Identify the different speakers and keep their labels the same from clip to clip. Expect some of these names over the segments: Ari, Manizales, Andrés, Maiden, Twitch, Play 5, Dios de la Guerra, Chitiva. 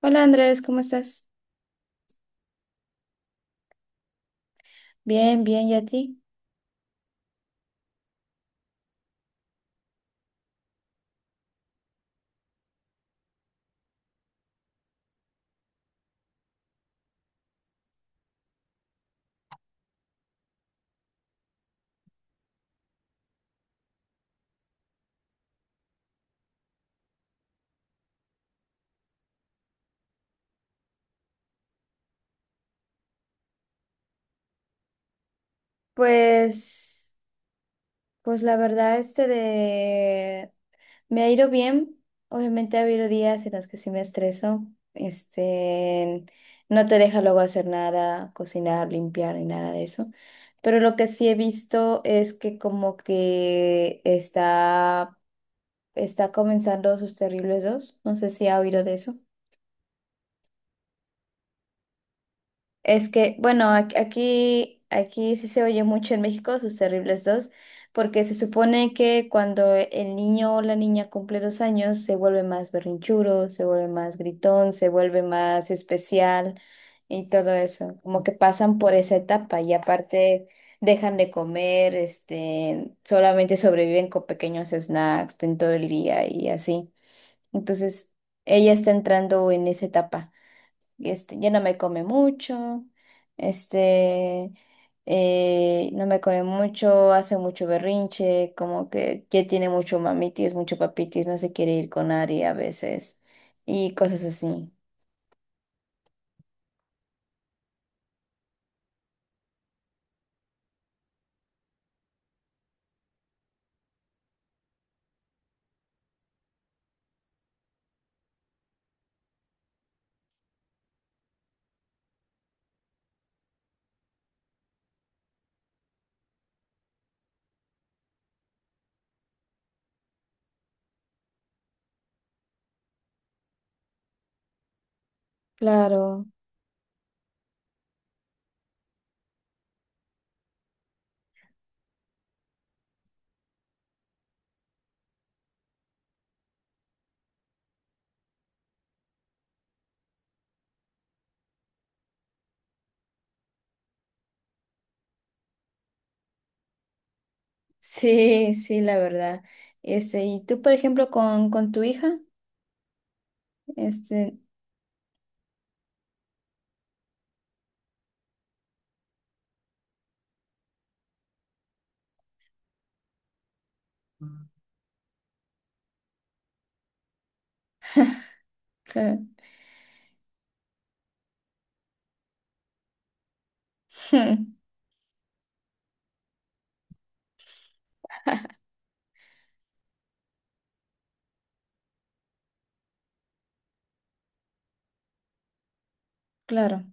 Speaker 1: Hola Andrés, ¿cómo estás? Bien, bien, ¿y a ti? Pues, pues la verdad, este de me ha ido bien. Obviamente ha habido días en los que sí me estreso. Este, no te deja luego hacer nada, cocinar, limpiar ni nada de eso. Pero lo que sí he visto es que como que está comenzando sus terribles dos. No sé si ha oído de eso. Es que, bueno, aquí sí se oye mucho en México sus terribles dos, porque se supone que cuando el niño o la niña cumple 2 años se vuelve más berrinchuro, se vuelve más gritón, se vuelve más especial y todo eso. Como que pasan por esa etapa y aparte dejan de comer, solamente sobreviven con pequeños snacks en todo el día y así. Entonces, ella está entrando en esa etapa y ya no me come mucho. Este, eh, no me come mucho, hace mucho berrinche, como que ya tiene mucho mamitis, mucho papitis, no se quiere ir con Ari a veces y cosas así. Claro, sí, sí, la verdad. ¿Y tú, por ejemplo, con tu hija, este, que- claro,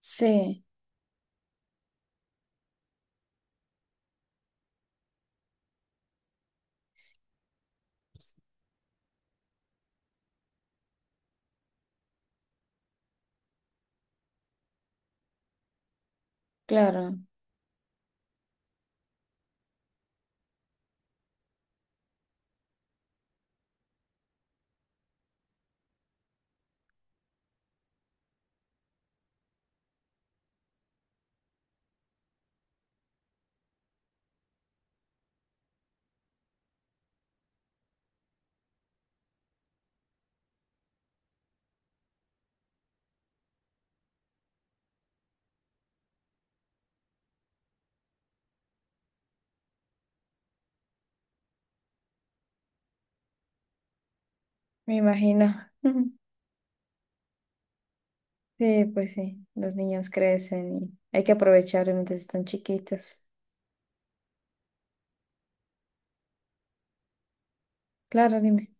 Speaker 1: sí, claro, me imagino. Sí, pues sí, los niños crecen y hay que aprovechar mientras están chiquitos. Claro, dime.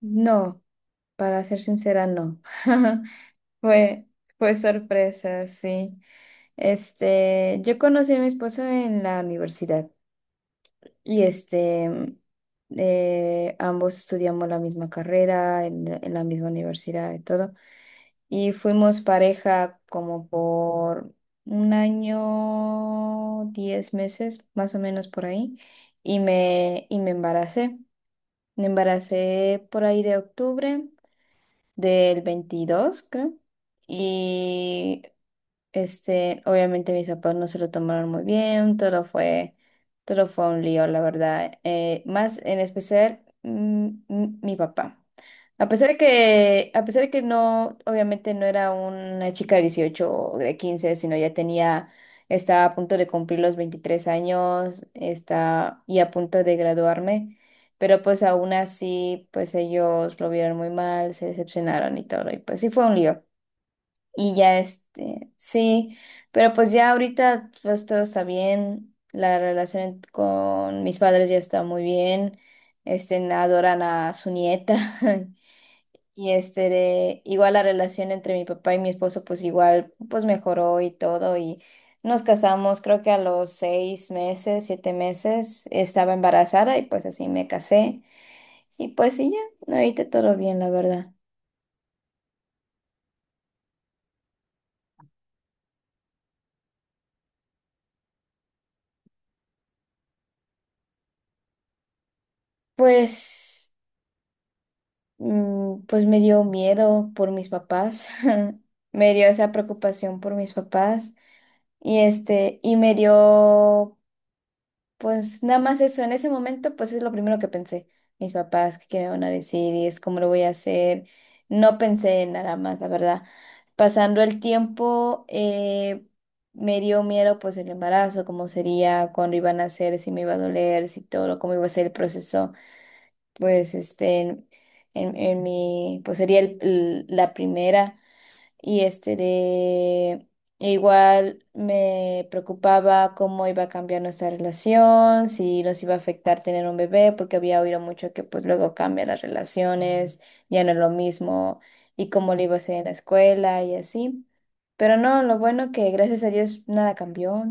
Speaker 1: No, para ser sincera, no. Fue, fue sorpresa, sí. Yo conocí a mi esposo en la universidad. y este, mm, Ambos estudiamos la misma carrera en la misma universidad y todo. Y fuimos pareja como por un año, 10 meses, más o menos por ahí, y me embaracé. Me embaracé por ahí de octubre del 22, creo, y obviamente mis papás no se lo tomaron muy bien. Todo fue un lío, la verdad. Más en especial, mi papá. A pesar de que no, obviamente no era una chica de 18 o de 15, sino estaba a punto de cumplir los 23 años, está y a punto de graduarme, pero pues aún así, pues ellos lo vieron muy mal, se decepcionaron y todo, y pues sí fue un lío. Y ya este, sí, pero pues ya ahorita pues todo está bien, la relación con mis padres ya está muy bien. Adoran a su nieta. Igual la relación entre mi papá y mi esposo pues igual pues mejoró y todo, y nos casamos creo que a los 6 meses, 7 meses estaba embarazada y pues así me casé y pues sí ya, ahorita todo bien la verdad. Pues... Pues me dio miedo por mis papás. Me dio esa preocupación por mis papás, y este, y me dio, pues nada más eso. En ese momento pues es lo primero que pensé, mis papás, qué me van a decir y es cómo lo voy a hacer. No pensé en nada más, la verdad. Pasando el tiempo, me dio miedo pues el embarazo, cómo sería, cuándo iban a hacer, si me iba a doler, si todo, cómo iba a ser el proceso. pues este, en, pues sería la primera, y este de, igual me preocupaba cómo iba a cambiar nuestra relación, si nos iba a afectar tener un bebé, porque había oído mucho que pues luego cambian las relaciones, ya no es lo mismo y cómo le iba a hacer en la escuela y así. Pero no, lo bueno que gracias a Dios nada cambió.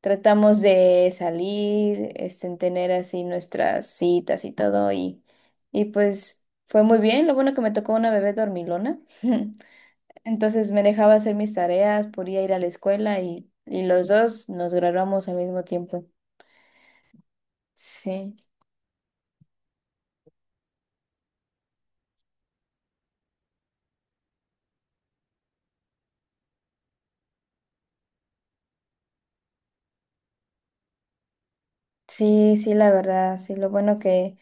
Speaker 1: Tratamos de salir, en tener así nuestras citas y todo, y pues fue muy bien. Lo bueno que me tocó una bebé dormilona. Entonces me dejaba hacer mis tareas, podía ir a la escuela, y los dos nos graduamos al mismo tiempo. Sí, sí, sí, la verdad, sí, lo bueno que,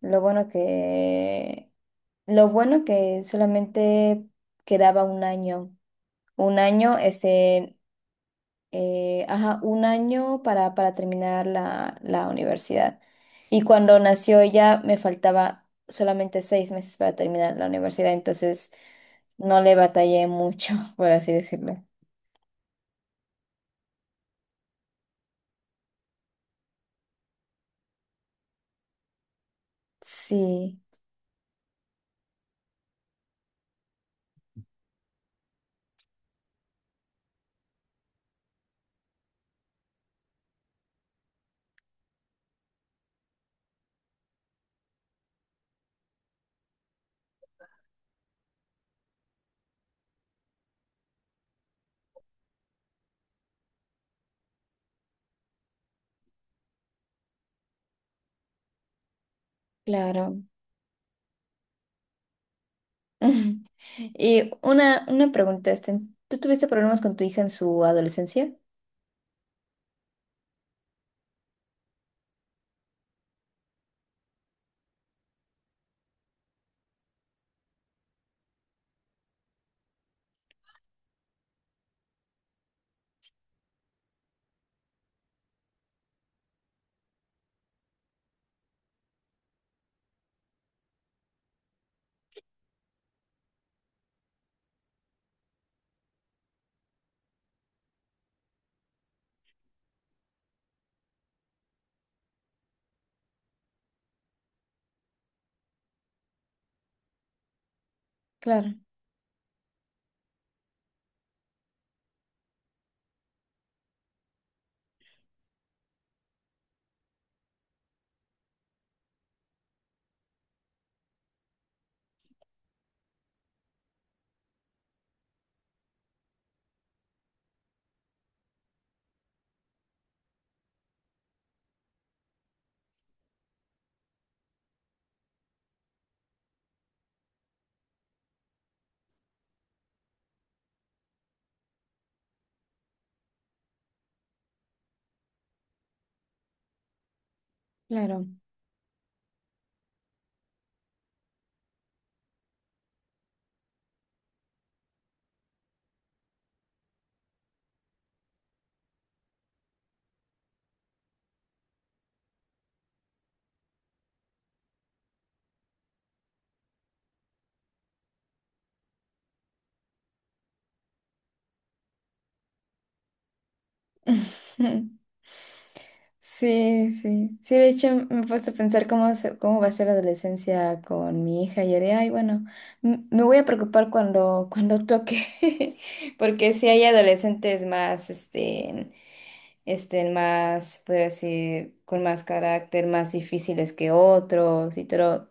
Speaker 1: lo bueno que, lo bueno que solamente quedaba un año, este, ajá, un año para terminar la universidad. Y cuando nació ella me faltaba solamente 6 meses para terminar la universidad, entonces no le batallé mucho, por así decirlo. Sí, claro. Y una pregunta, ¿tú tuviste problemas con tu hija en su adolescencia? Claro, claro. Sí, sí. Sí, de hecho me he puesto a pensar cómo va a ser la adolescencia con mi hija y haré, ay, bueno, me voy a preocupar cuando toque, porque si hay adolescentes más, más, por decir, con más carácter, más difíciles que otros y todo,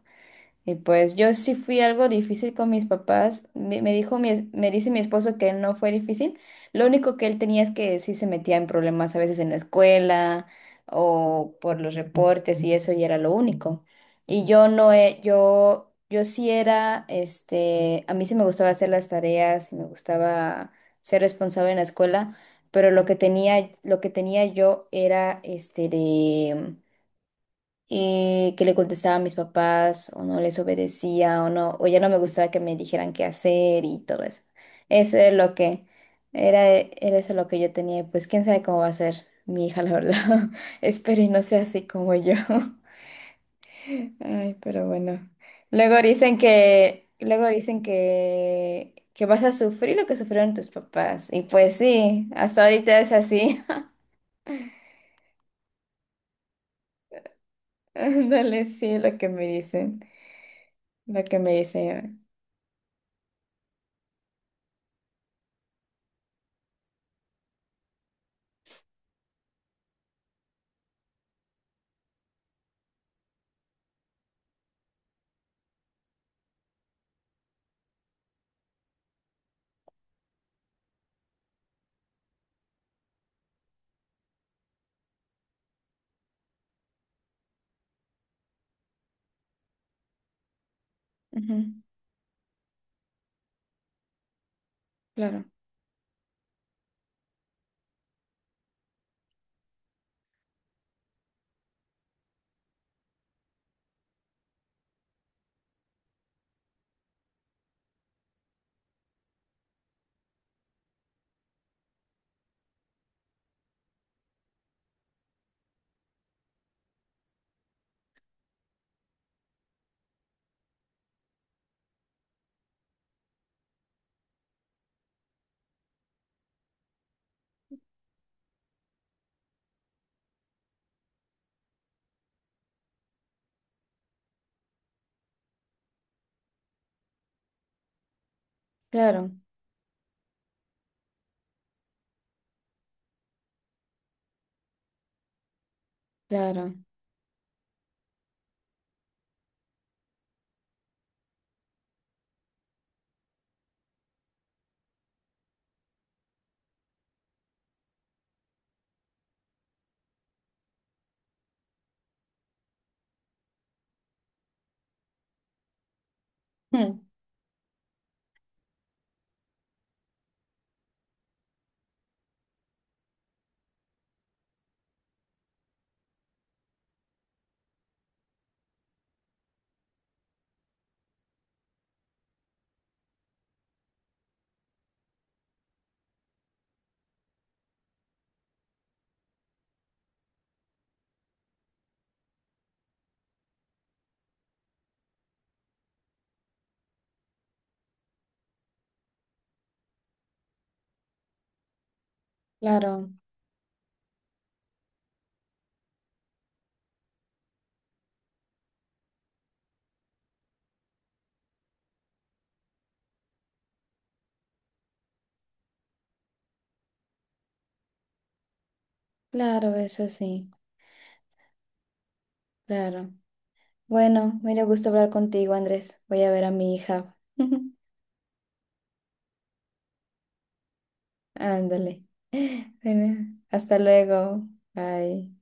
Speaker 1: y pues yo sí fui algo difícil con mis papás. Me dice mi esposo que no fue difícil. Lo único que él tenía es que sí se metía en problemas a veces en la escuela o por los reportes y eso y era lo único. Y yo no he, yo sí era, a mí sí me gustaba hacer las tareas y me gustaba ser responsable en la escuela, pero lo que tenía yo era este de que le contestaba a mis papás o no les obedecía o no, o ya no me gustaba que me dijeran qué hacer y todo eso. Eso es lo que era. Era eso lo que yo tenía. Y pues quién sabe cómo va a ser mi hija, la verdad. Espero y no sea así como yo. Ay, pero bueno. Luego dicen que vas a sufrir lo que sufrieron tus papás. Y pues sí, hasta ahorita es así. Ándale, sí, lo que me dicen, lo que me dicen. Ujú, claro. Claro, claro, mm, claro, claro, eso sí, claro. Bueno, me dio gusto hablar contigo, Andrés. Voy a ver a mi hija. Ándale. Bueno, hasta luego. Bye.